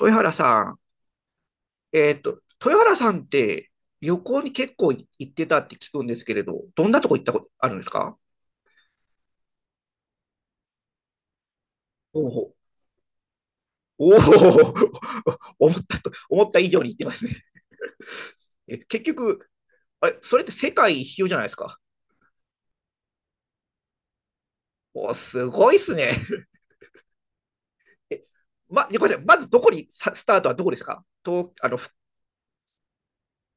豊原さん、豊原さんって旅行に結構行ってたって聞くんですけれど、どんなとこ行ったことあるんですか？おお、おお、思った以上に行ってますね。結局、あれ、それって世界一周じゃないですか。おお、すごいっすね。え、ごめんなさい、まずどこに、さスタートはどこですかと、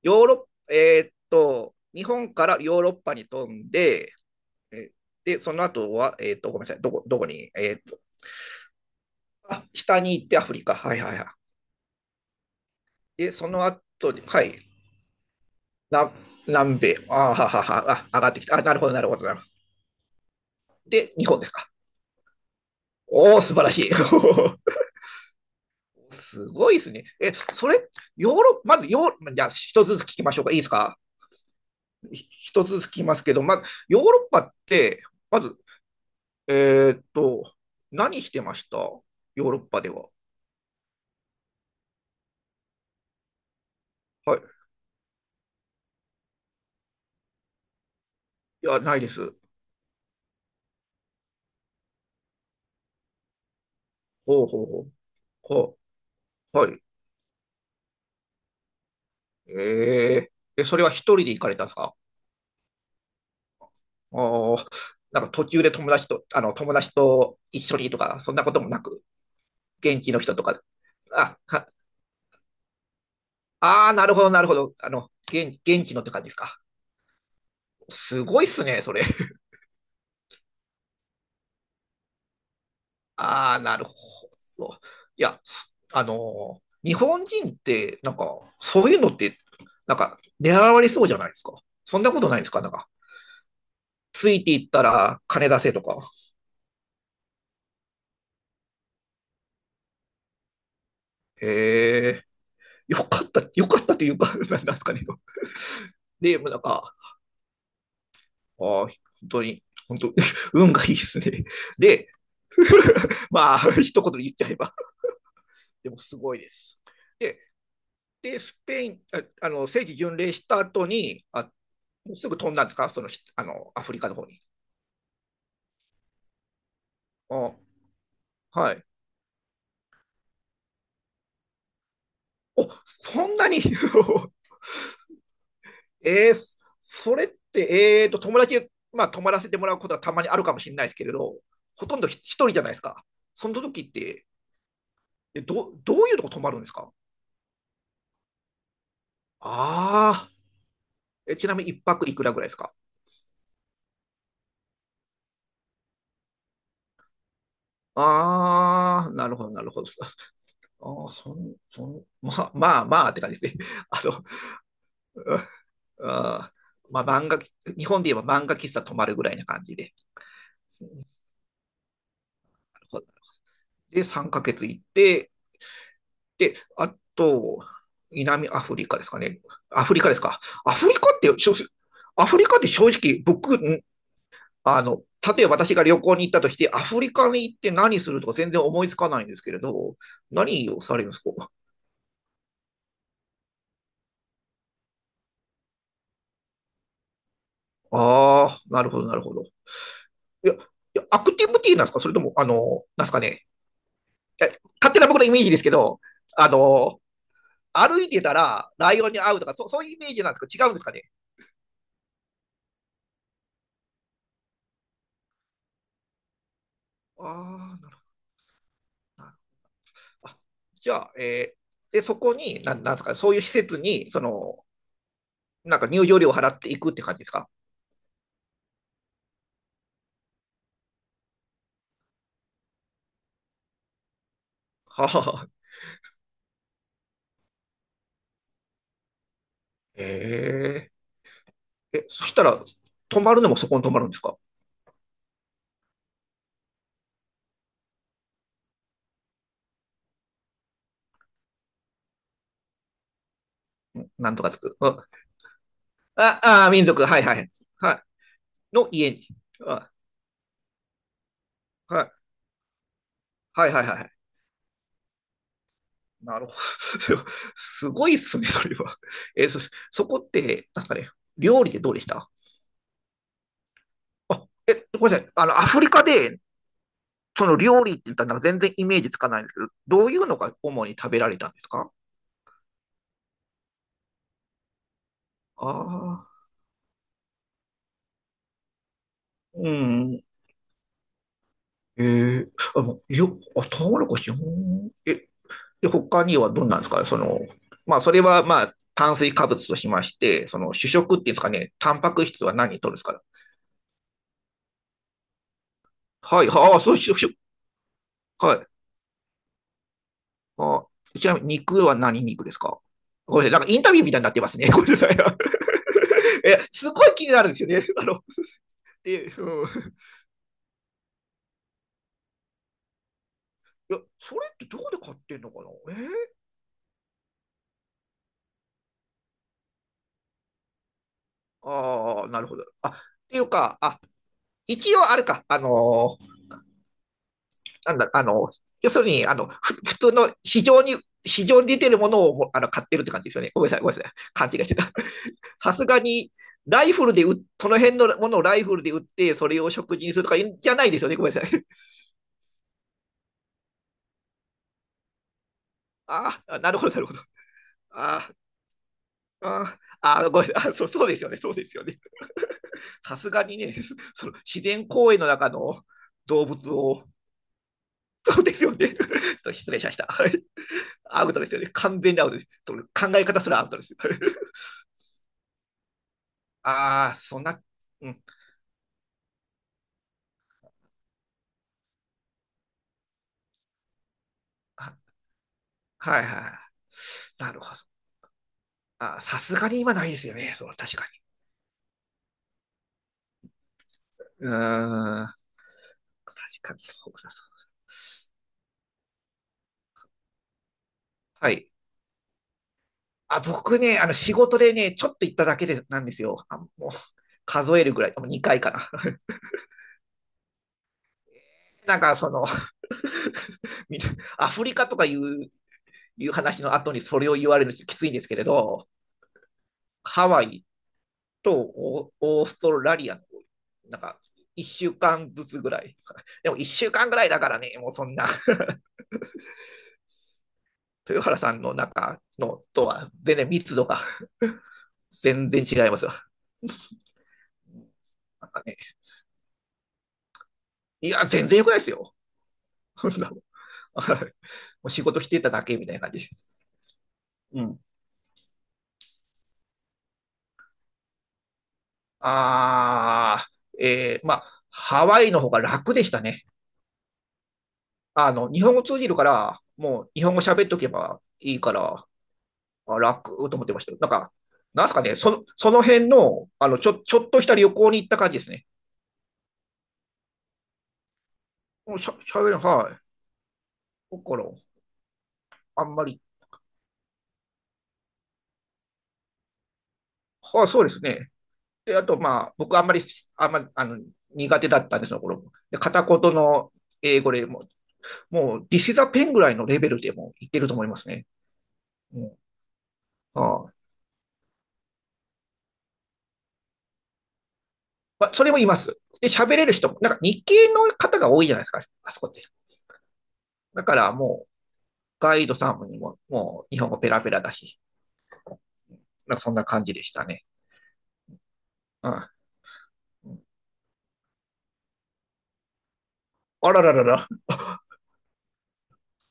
ヨーロッ、えーっと、日本からヨーロッパに飛んで、えで、その後は、ごめんなさい、どこに、えーっあ、下に行ってアフリカ。はいはいはい。で、その後に、はい。な、南米。あはははは。あ、上がってきた。あ、なるほど、なるほど、なるほど。で、日本ですか？おお、素晴らしい。すごいですね。え、それ、ヨーロッパ、まずヨーロッパ、じゃあ、一つずつ聞きましょうか？いいですか？一つずつ聞きますけど、まず、ヨーロッパって、まず、えーっと、何してましたヨーロッパでは？はい。いや、ないです。ほうほうほう。ほはい。えそれは一人で行かれたんですか？おーなんか途中で友達と一緒にとか、そんなこともなく、現地の人とか、あ、はあー、なるほど、なるほど。現地のって感じですか？すごいっすね、それ。あー、なるほど。いや、すあのー、日本人って、なんか、そういうのって、なんか、狙われそうじゃないですか。そんなことないですか、なんか。ついていったら金出せとか。へえ、よかった、よかったというか、なんですかね。で、もうなんか、ああ、本当に、本当、運がいいですね。で、まあ、一言で言っちゃえば、でもすごいです。で、スペイン、ああの聖地巡礼した後に、すぐ飛んだんですか、そのアフリカの方に？あはい。そんなに えー、それって、まあ、泊まらせてもらうことはたまにあるかもしれないですけれど、ほとんど一人じゃないですか。その時って、どういうとこ泊まるんですか？ああ、ちなみに一泊いくらぐらいですか？ああー、なるほど、なるほど。ああ、そん、そん、まあ、まあ、まあって感じですね。あの、うん、あーまあ、日本で言えば漫画喫茶泊まるぐらいな感じで。なるほど。で、3ヶ月行って、で、あと、南アフリカですかね。アフリカですか？アフリカって、正直アフリカって正直、僕、あの、例えば私が旅行に行ったとして、アフリカに行って何するとか全然思いつかないんですけれど、何をされるんですか？ああ、なるほど、なるほど。いや、いや、アクティブティーなんですか？それとも、あの、なんですかね。いや、勝手な僕のイメージですけど、あの、歩いてたらライオンに会うとか、そういうイメージなんですか？違うんですかね？ああ、なるほど。あ、じゃあ、で、そこに、なんですか、そういう施設に、その、なんか入場料を払っていくって感じですか？はあ、えええ、そしたら、泊まるのもそこに泊まるんですか？なんとかつく。うん。あ、あ、民族、はいはい。はい。の家に。あ、はい。はいはいはい。なるほど。すごいっすね、それは。え、そ、そこって、なんかね、料理でどうでした？あ、ごめんなさい。あの、アフリカで、その料理って言ったらなんか全然イメージつかないんですけど、どういうのが主に食べられたんですか？ああー、うん。えー、あ、もうよ、あ、トウモロコシ、うん。で、他にはどんなんですかその、まあ、それは、まあ、炭水化物としまして、その主食っていうんですかね、タンパク質は何とるんですか？はい、はあ、そう、主食。はい。あちなみに肉は何肉ですか？ごめんなさい、なんかインタビューみたいになってますね。ごめんなさい。すごい気になるんですよね。あの、で、うん。いや、それってどこで買ってんのかな？ああ、なるほど。っていうか、一応あれか、なんだ、要するに、あの、ふ普通の市場に、市場に出てるものを買ってるって感じですよね。ごめんなさい、ごめんなさい。勘違いしてた。さすがに、ライフルでうその辺のものをライフルで売って、それを食事にするとかじゃないですよね。ごめんなさい。ああ、なるほど、なるほど。ああ、ああ、ごめん、そう、そうですよね、そうですよね。さすがにね、その自然公園の中の動物を、そうですよね。ちょっと失礼しました。はい。アウトですよね。完全にアウトです。その考え方すらアウトです。はい。ああ、そんな、うん。ははいはい。なるほど。ああ、さすがに今ないですよね。そう、確かに。うーん。確かに、そうそうそう。はい。あ、僕ね、あの仕事でね、ちょっと行っただけでなんですよ。あ、もう数えるぐらい、もう2回かな。なんかその アフリカとかいう話の後にそれを言われるのきついんですけれど、ハワイとオーストラリアの、なんか1週間ずつぐらい。でも1週間ぐらいだからね、もうそんな 豊原さんの中のとは全然密度が全然違いますよ。なんかね、いや、全然良くないですよ。そんなもん もう仕事してただけみたいな感じ。うん。ああ、まあ、ハワイの方が楽でしたね。あの、日本語通じるから、もう日本語喋っとけばいいから、楽と思ってましたよ。なんか、なんすかね、その、その辺の、あの、ちょっとした旅行に行った感じですね。もうしゃ、喋る、はい。だから、あんまり、はい、そうですね。で、あと、まあ、僕あんまり、あの、苦手だったんですよ、この頃。で、片言の英語でももう、This is a pen ぐらいのレベルでも言ってると思いますね。うん。ああ、まあ、それもいます。で、喋れる人も、なんか日系の方が多いじゃないですか、あそこって。だからもう、ガイドさんにも、もう日本語ペラペラだし、なんかそんな感じでしたね。うん。あらららら、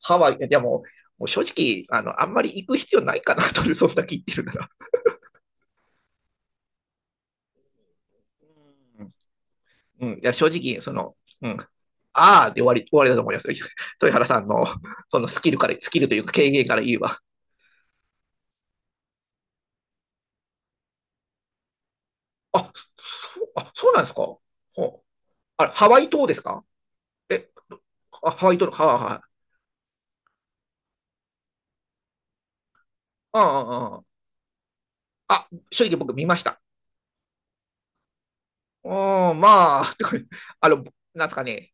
ハワイ、でも、もう正直、あの、あんまり行く必要ないかなと、そんだけ言ってるなら。うん。うん。いや、正直、その、うん。ああで終わり、終わりだと思います、豊原さんの、スキルというか経験から言えば。あ、そうなんですか？ほう。あれ、ハワイ島ですか？え、あ、ハワイ島の、はあ、はい。ああ、ああ。あ、正直僕見ました。うん、まあ、てか、あの、なんですかね。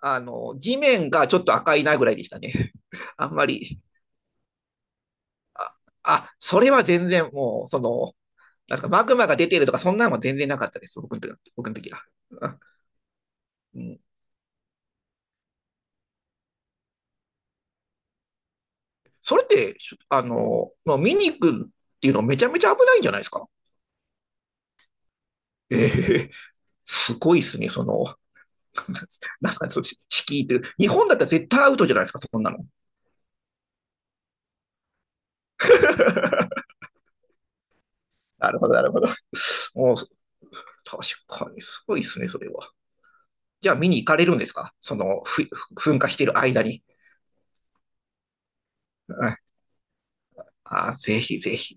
あの、地面がちょっと赤いなぐらいでしたね。あんまり。あ、それは全然もう、その、なんですか、マグマが出てるとか、そんなのは全然なかったです。僕の時は、僕の時は。あうん、それって、あの、まあ見に行くっていうのめちゃめちゃ危ないんじゃないですか。ええ、すごいですね、その、なんかそっち、敷居っ日本だったら絶対アウトじゃないですか、そんなの。なるほど、なるほど。もう、確かに、すごいですね、それは。じゃあ、見に行かれるんですかその、噴火してる間に？うん、ぜひぜひ。